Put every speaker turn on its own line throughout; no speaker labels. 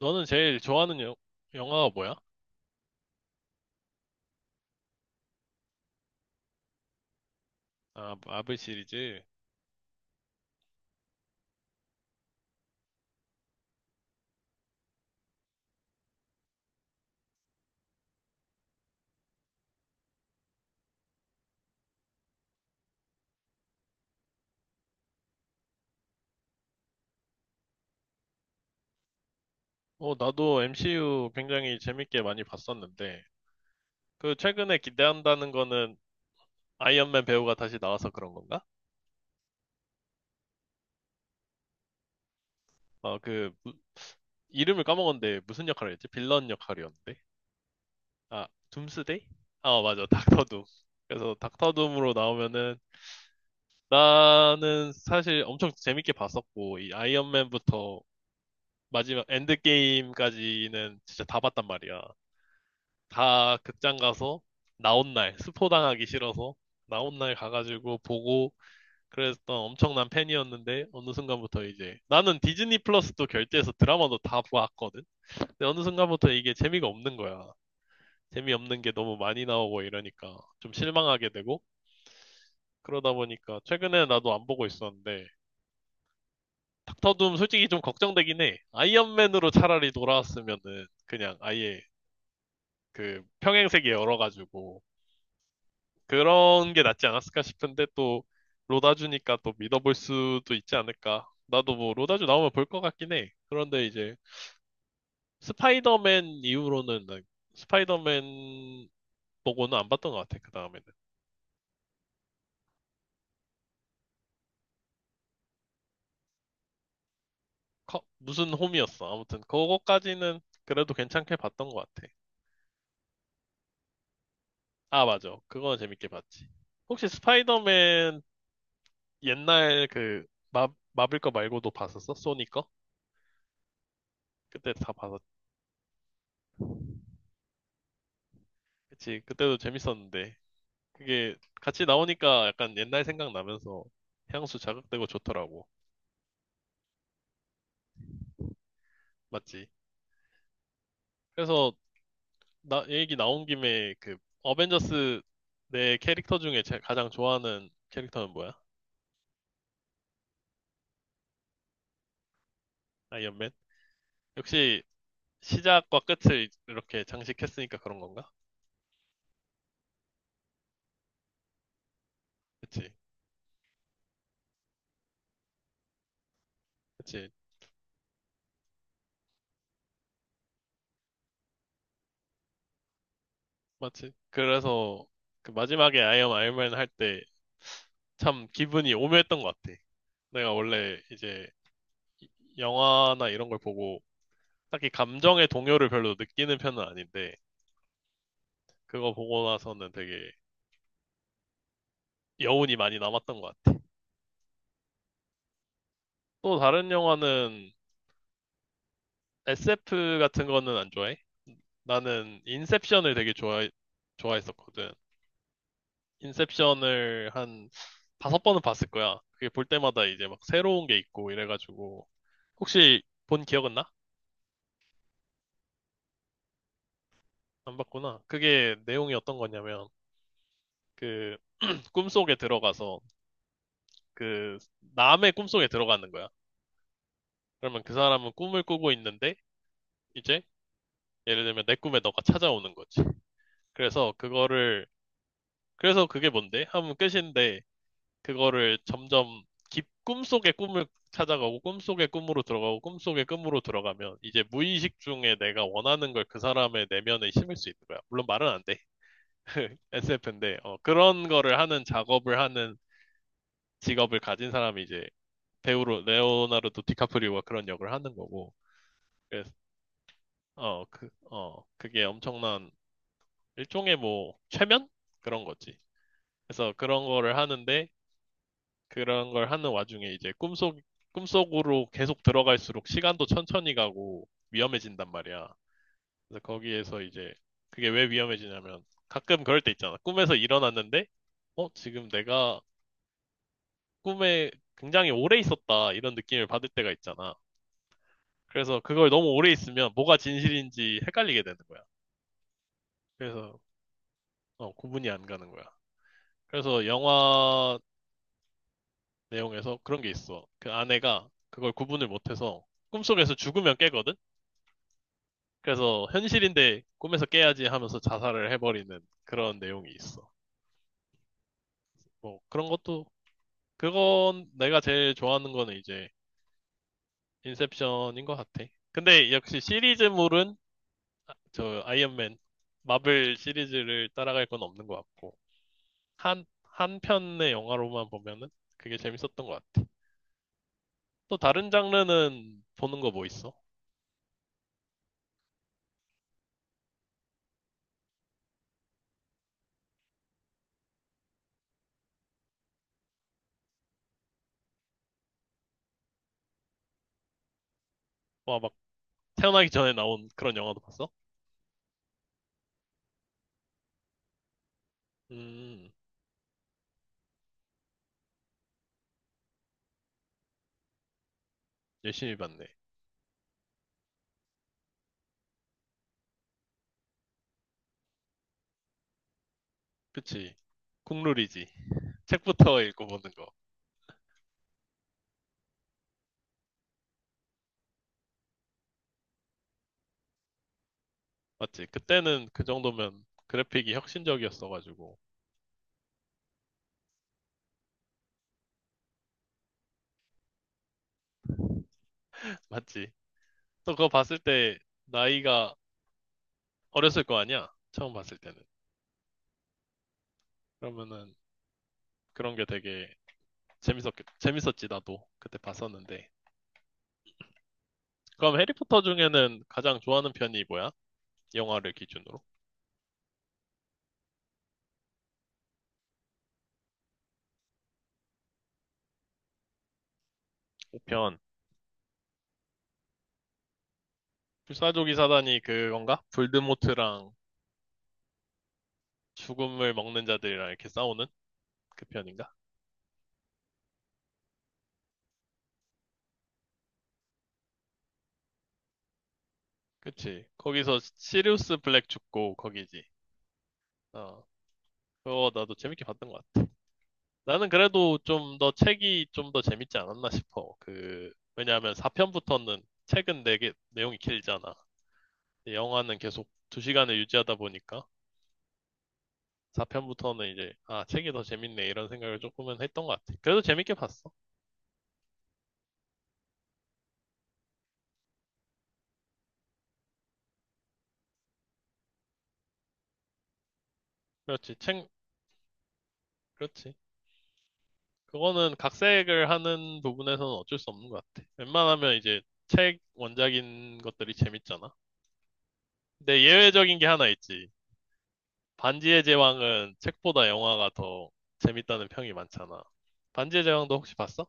너는 제일 좋아하는 영화가 뭐야? 아, 마블 시리즈. 어, 나도 MCU 굉장히 재밌게 많이 봤었는데, 그 최근에 기대한다는 거는 아이언맨 배우가 다시 나와서 그런 건가? 어, 그, 이름을 까먹었는데 무슨 역할을 했지? 빌런 역할이었는데? 아, 둠스데이? 아, 맞아. 닥터 둠. 그래서 닥터 둠으로 나오면은 나는 사실 엄청 재밌게 봤었고, 이 아이언맨부터 마지막 엔드게임까지는 진짜 다 봤단 말이야. 다 극장 가서 나온 날, 스포당하기 싫어서 나온 날 가가지고 보고 그랬던 엄청난 팬이었는데 어느 순간부터 이제 나는 디즈니 플러스도 결제해서 드라마도 다 보았거든. 근데 어느 순간부터 이게 재미가 없는 거야. 재미없는 게 너무 많이 나오고 이러니까 좀 실망하게 되고 그러다 보니까 최근에 나도 안 보고 있었는데 닥터 둠 솔직히 좀 걱정되긴 해. 아이언맨으로 차라리 돌아왔으면은 그냥 아예 그 평행세계 열어가지고 그런 게 낫지 않았을까 싶은데 또 로다주니까 또 믿어볼 수도 있지 않을까. 나도 뭐 로다주 나오면 볼 것 같긴 해. 그런데 이제 스파이더맨 이후로는 난 스파이더맨 보고는 안 봤던 것 같아. 그 다음에는 무슨 홈이었어. 아무튼 그거까지는 그래도 괜찮게 봤던 것 같아. 아, 맞아. 그거는 재밌게 봤지. 혹시 스파이더맨 옛날 그 마, 마블 거 말고도 봤었어? 소니 거? 그때 다 봤었. 지 그치. 그때도 재밌었는데. 그게 같이 나오니까 약간 옛날 생각나면서 향수 자극되고 좋더라고. 맞지? 그래서 나 얘기 나온 김에 그 어벤져스 내 캐릭터 중에 제 가장 좋아하는 캐릭터는 뭐야? 아이언맨? 역시 시작과 끝을 이렇게 장식했으니까 그런 건가? 그치? 그치? 맞지? 그래서 그 마지막에 아이언맨 할 때 참 기분이 오묘했던 것 같아. 내가 원래 이제 이- 영화나 이런 걸 보고 딱히 감정의 동요를 별로 느끼는 편은 아닌데 그거 보고 나서는 되게 여운이 많이 남았던 것 같아. 또 다른 영화는 SF 같은 거는 안 좋아해? 나는 인셉션을 되게 좋아했었거든. 인셉션을 한 다섯 번은 봤을 거야. 그게 볼 때마다 이제 막 새로운 게 있고 이래가지고. 혹시 본 기억은 나? 안 봤구나. 그게 내용이 어떤 거냐면, 그, 꿈속에 들어가서, 그, 남의 꿈속에 들어가는 거야. 그러면 그 사람은 꿈을 꾸고 있는데, 이제, 예를 들면 내 꿈에 너가 찾아오는 거지. 그래서 그거를 그래서 그게 뭔데? 하면 끝인데 그거를 점점 깊 꿈속의 꿈을 찾아가고 꿈속의 꿈으로 들어가고 꿈속의 꿈으로 들어가면 이제 무의식 중에 내가 원하는 걸 그 사람의 내면에 심을 수 있는 거야. 물론 말은 안 돼. SF인데 그런 거를 하는 작업을 하는 직업을 가진 사람이 이제 배우로 레오나르도 디카프리오가 그런 역을 하는 거고. 그래서 그게 엄청난 일종의 뭐 최면? 그런 거지. 그래서 그런 거를 하는데 그런 걸 하는 와중에 이제 꿈속으로 계속 들어갈수록 시간도 천천히 가고 위험해진단 말이야. 그래서 거기에서 이제 그게 왜 위험해지냐면 가끔 그럴 때 있잖아. 꿈에서 일어났는데, 어, 지금 내가 꿈에 굉장히 오래 있었다 이런 느낌을 받을 때가 있잖아. 그래서 그걸 너무 오래 있으면 뭐가 진실인지 헷갈리게 되는 거야. 그래서 어, 구분이 안 가는 거야. 그래서 영화 내용에서 그런 게 있어. 그 아내가 그걸 구분을 못해서 꿈속에서 죽으면 깨거든? 그래서 현실인데 꿈에서 깨야지 하면서 자살을 해버리는 그런 내용이 있어. 뭐 그런 것도 그건 내가 제일 좋아하는 거는 이제 인셉션인 것 같아. 근데 역시 시리즈물은 저 아이언맨 마블 시리즈를 따라갈 건 없는 것 같고 한 한 편의 영화로만 보면은 그게 재밌었던 것 같아. 또 다른 장르는 보는 거 뭐 있어? 와, 막 태어나기 전에 나온 그런 영화도 봤어? 음, 열심히 봤네. 그치, 국룰이지. 책부터 읽어보는 거. 맞지? 그때는 그 정도면 그래픽이 혁신적이었어가지고. 맞지? 또 그거 봤을 때 나이가 어렸을 거 아니야? 처음 봤을 때는. 그러면은 그런 게 되게 재밌었, 재밌었지, 나도. 그때 봤었는데. 그럼 해리포터 중에는 가장 좋아하는 편이 뭐야? 영화를 기준으로. 5편. 불사조기 사단이 그건가? 볼드모트랑 죽음을 먹는 자들이랑 이렇게 싸우는 그 편인가? 그치. 거기서 시리우스 블랙 죽고 거기지. 어. 그거 나도 재밌게 봤던 것 같아. 나는 그래도 좀 더 책이 좀 더 재밌지 않았나 싶어. 그, 왜냐하면 4편부터는 내용이 길잖아. 근데 영화는 계속 2시간을 유지하다 보니까 4편부터는 이제, 아, 책이 더 재밌네. 이런 생각을 조금은 했던 것 같아. 그래도 재밌게 봤어. 그렇지. 그렇지. 그거는 각색을 하는 부분에서는 어쩔 수 없는 것 같아. 웬만하면 이제 책 원작인 것들이 재밌잖아. 근데 예외적인 게 하나 있지. 반지의 제왕은 책보다 영화가 더 재밌다는 평이 많잖아. 반지의 제왕도 혹시 봤어?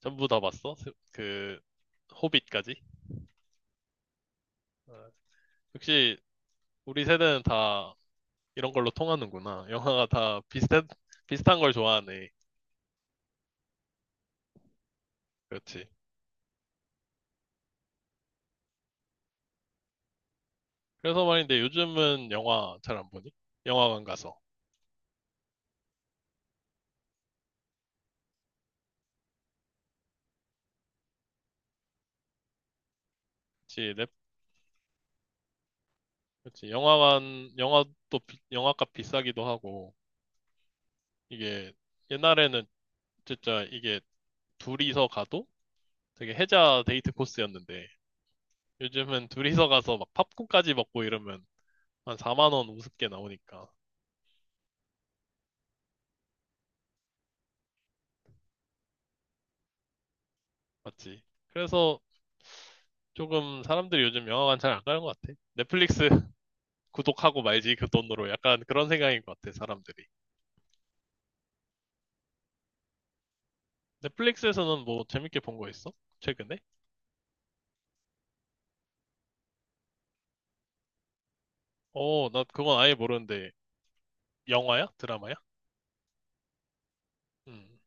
전부 다 봤어? 그, 호빗까지? 어, 역시 우리 세대는 다 이런 걸로 통하는구나. 영화가 다 비슷한 걸 좋아하네. 그렇지. 그래서 말인데 요즘은 영화 잘 안 보니? 영화관 가서. 그렇지, 그렇지. 영화값 비싸기도 하고, 이게 옛날에는 진짜 이게 둘이서 가도 되게 혜자 데이트 코스였는데 요즘은 둘이서 가서 막 팝콘까지 먹고 이러면 한 4만 원 우습게 나오니까. 맞지? 그래서 조금 사람들이 요즘 영화관 잘 안 가는 것 같아. 넷플릭스 구독하고 말지 그 돈으로 약간 그런 생각인 것 같아, 사람들이. 넷플릭스에서는 뭐 재밌게 본 거 있어? 최근에? 어, 나 그건 아예 모르는데 영화야? 드라마야? 음.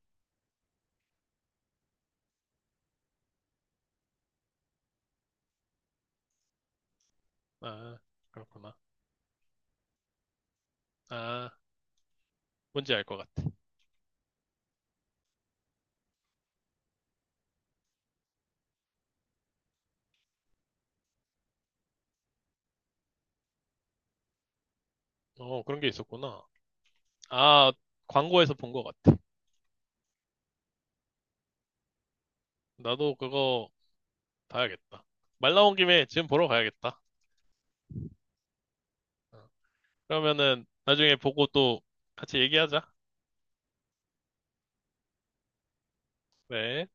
아, 그렇구나. 아, 뭔지 알 것 같아. 어, 그런 게 있었구나. 아, 광고에서 본 것 같아. 나도 그거 봐야겠다. 말 나온 김에 지금 보러 가야겠다. 어. 그러면은 나중에 보고 또 같이 얘기하자. 네.